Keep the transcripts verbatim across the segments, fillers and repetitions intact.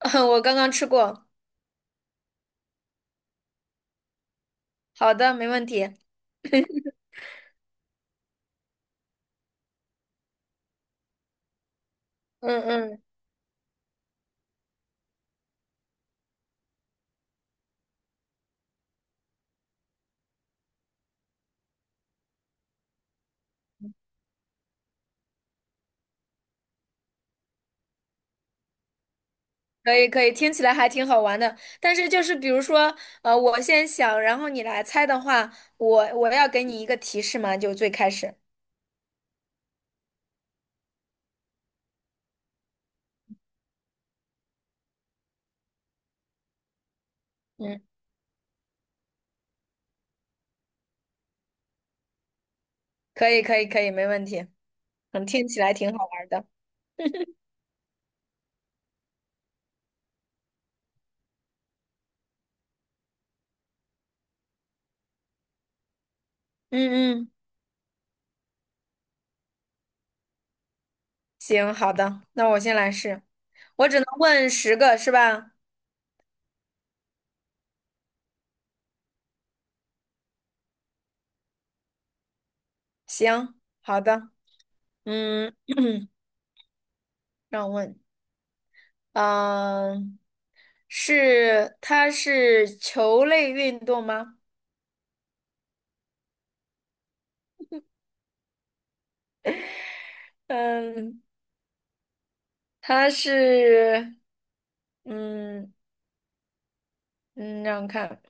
我刚刚吃过。好的，没问题。嗯嗯，可以可以，听起来还挺好玩的。但是就是比如说，呃，我先想，然后你来猜的话，我我要给你一个提示嘛，就最开始。嗯，可以可以可以，没问题。嗯，听起来挺好玩的。嗯嗯，行，好的，那我先来试。我只能问十个是吧？行，好的。嗯，让我问，嗯、是它是球类运动吗？嗯，他是，嗯嗯，让我看，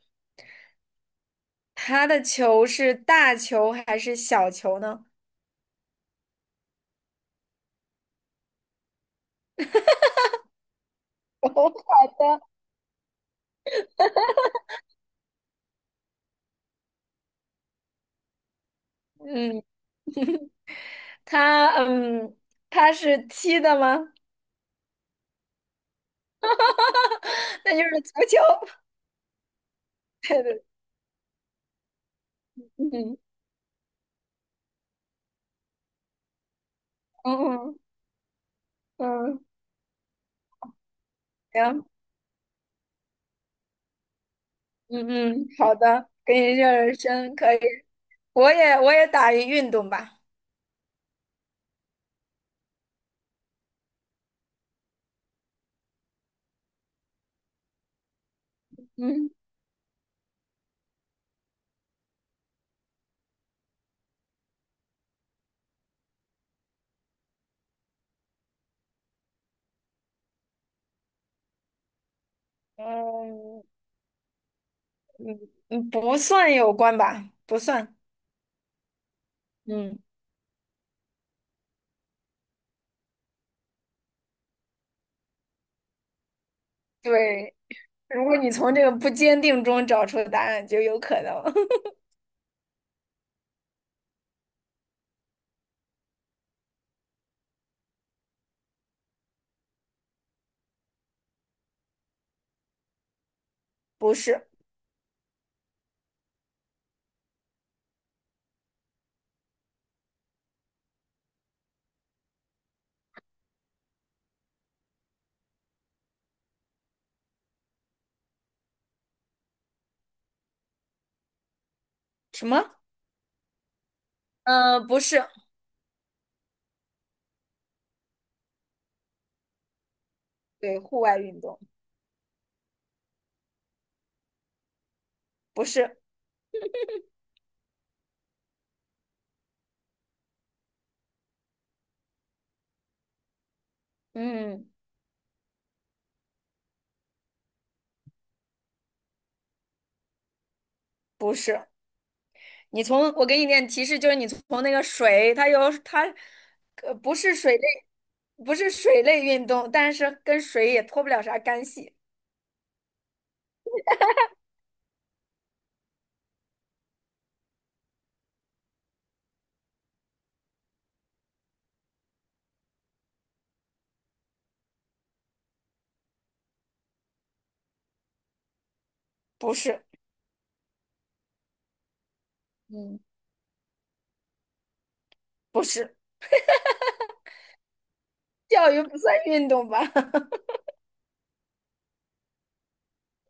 他的球是大球还是小球呢？哦，好的，嗯，他嗯，他是踢的吗？那就是足球。嗯嗯嗯，行，嗯嗯，好的，给你热热身，可以。我也我也打一运动吧。嗯，嗯，嗯不算有关吧，不算。嗯，对。如果你从这个不坚定中找出答案，就有可能 不是什么？嗯，不是，对户外运动，不是，嗯，不是。你从我给你点提示，就是你从那个水，它有它，呃，不是水类，不是水类运动，但是跟水也脱不了啥干系。不是，嗯，不是，钓鱼不算运动吧？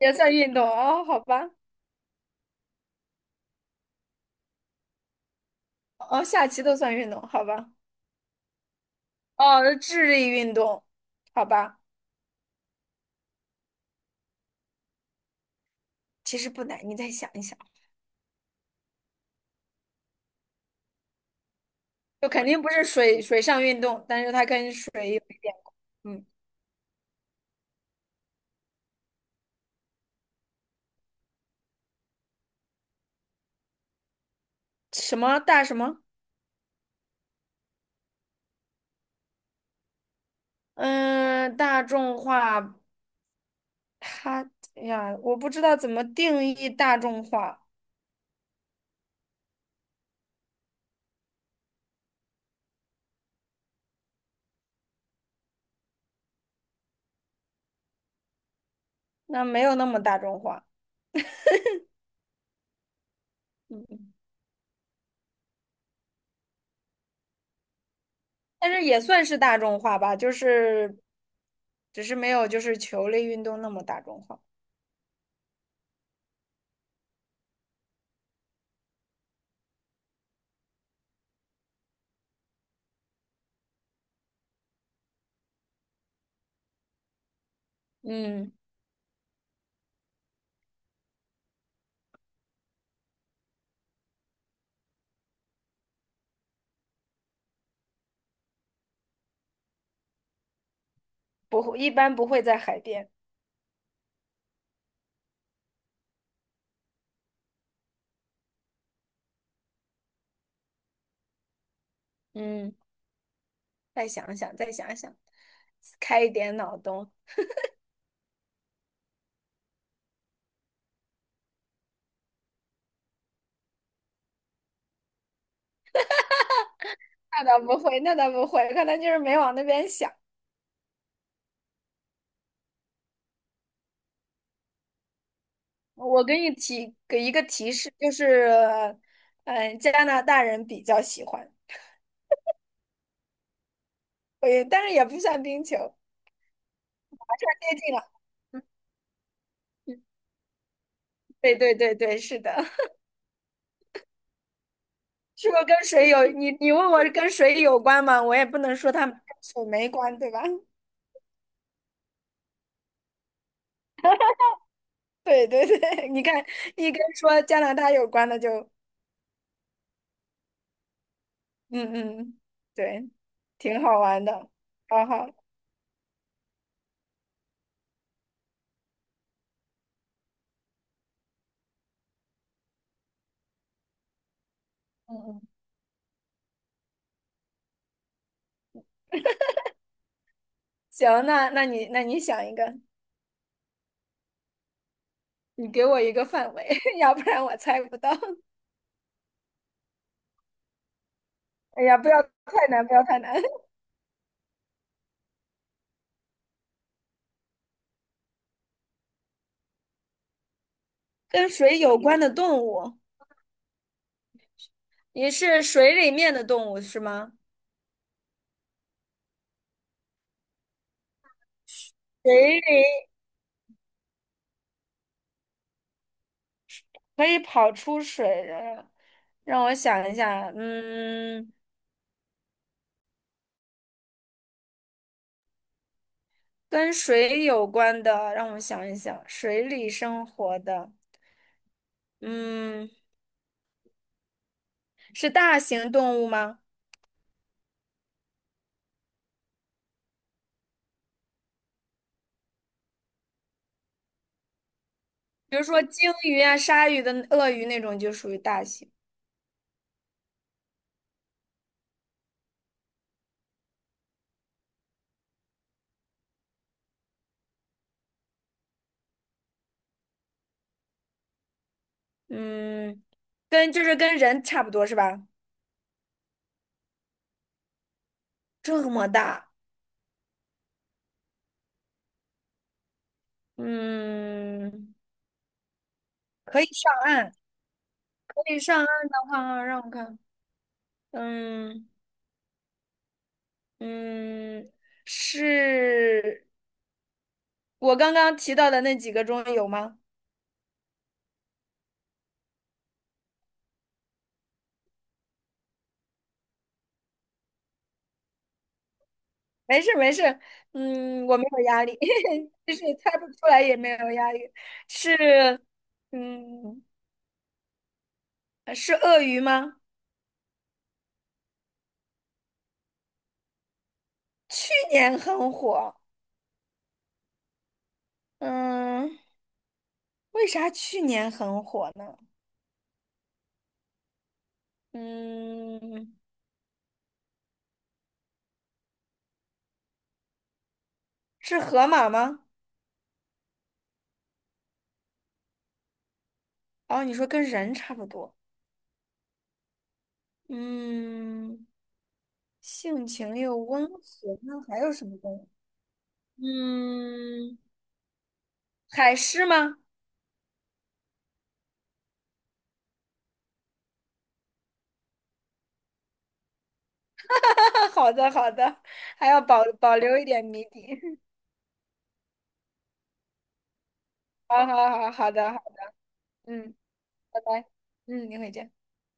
也算运动哦，好吧，哦，下棋都算运动，好吧，哦，智力运动，好吧。其实不难，你再想一想，就肯定不是水水上运动，但是它跟水有，嗯，什么大什么，嗯，大众化，它哎呀，我不知道怎么定义大众化，那没有那么大众化，嗯，但是也算是大众化吧，就是只是没有就是球类运动那么大众化，嗯，不会，一般不会在海边，嗯，再想想，再想想，开一点脑洞。那倒不会，那倒不会，可能就是没往那边想。我给你提给一个提示，就是，嗯，加拿大人比较喜欢，呃，但是也不算冰球，还算接近了。对对对对，是的，是不是跟水有？你你问我跟水有关吗？我也不能说它跟水没关，对吧？对对对，你看，一跟说加拿大有关的就，嗯嗯，对，挺好玩的，好好，嗯嗯，行，那那你那你想一个，你给我一个范围，要不然我猜不到。哎呀，不要太难，不要太难。跟水有关的动物，你是水里面的动物是吗？水里可以跑出水的，让我想一下，嗯，跟水有关的，让我想一想，水里生活的，嗯，是大型动物吗？比如说鲸鱼啊、鲨鱼的、鳄鱼那种就属于大型，嗯，跟就是跟人差不多是吧？这么大，嗯，可以上岸。可以上岸的话，让我看，嗯嗯，是我刚刚提到的那几个中有吗？没事没事，嗯，我没有压力，就是猜不出来也没有压力。是，嗯，是鳄鱼吗？去年很火，嗯，为啥去年很火呢？嗯，是河马吗？哦，你说跟人差不多，嗯。性情又温和，那还有什么动物？嗯，海狮吗？好的，好的，还要保保留一点谜底。好好好，好的，好，嗯，拜拜，嗯，你回见。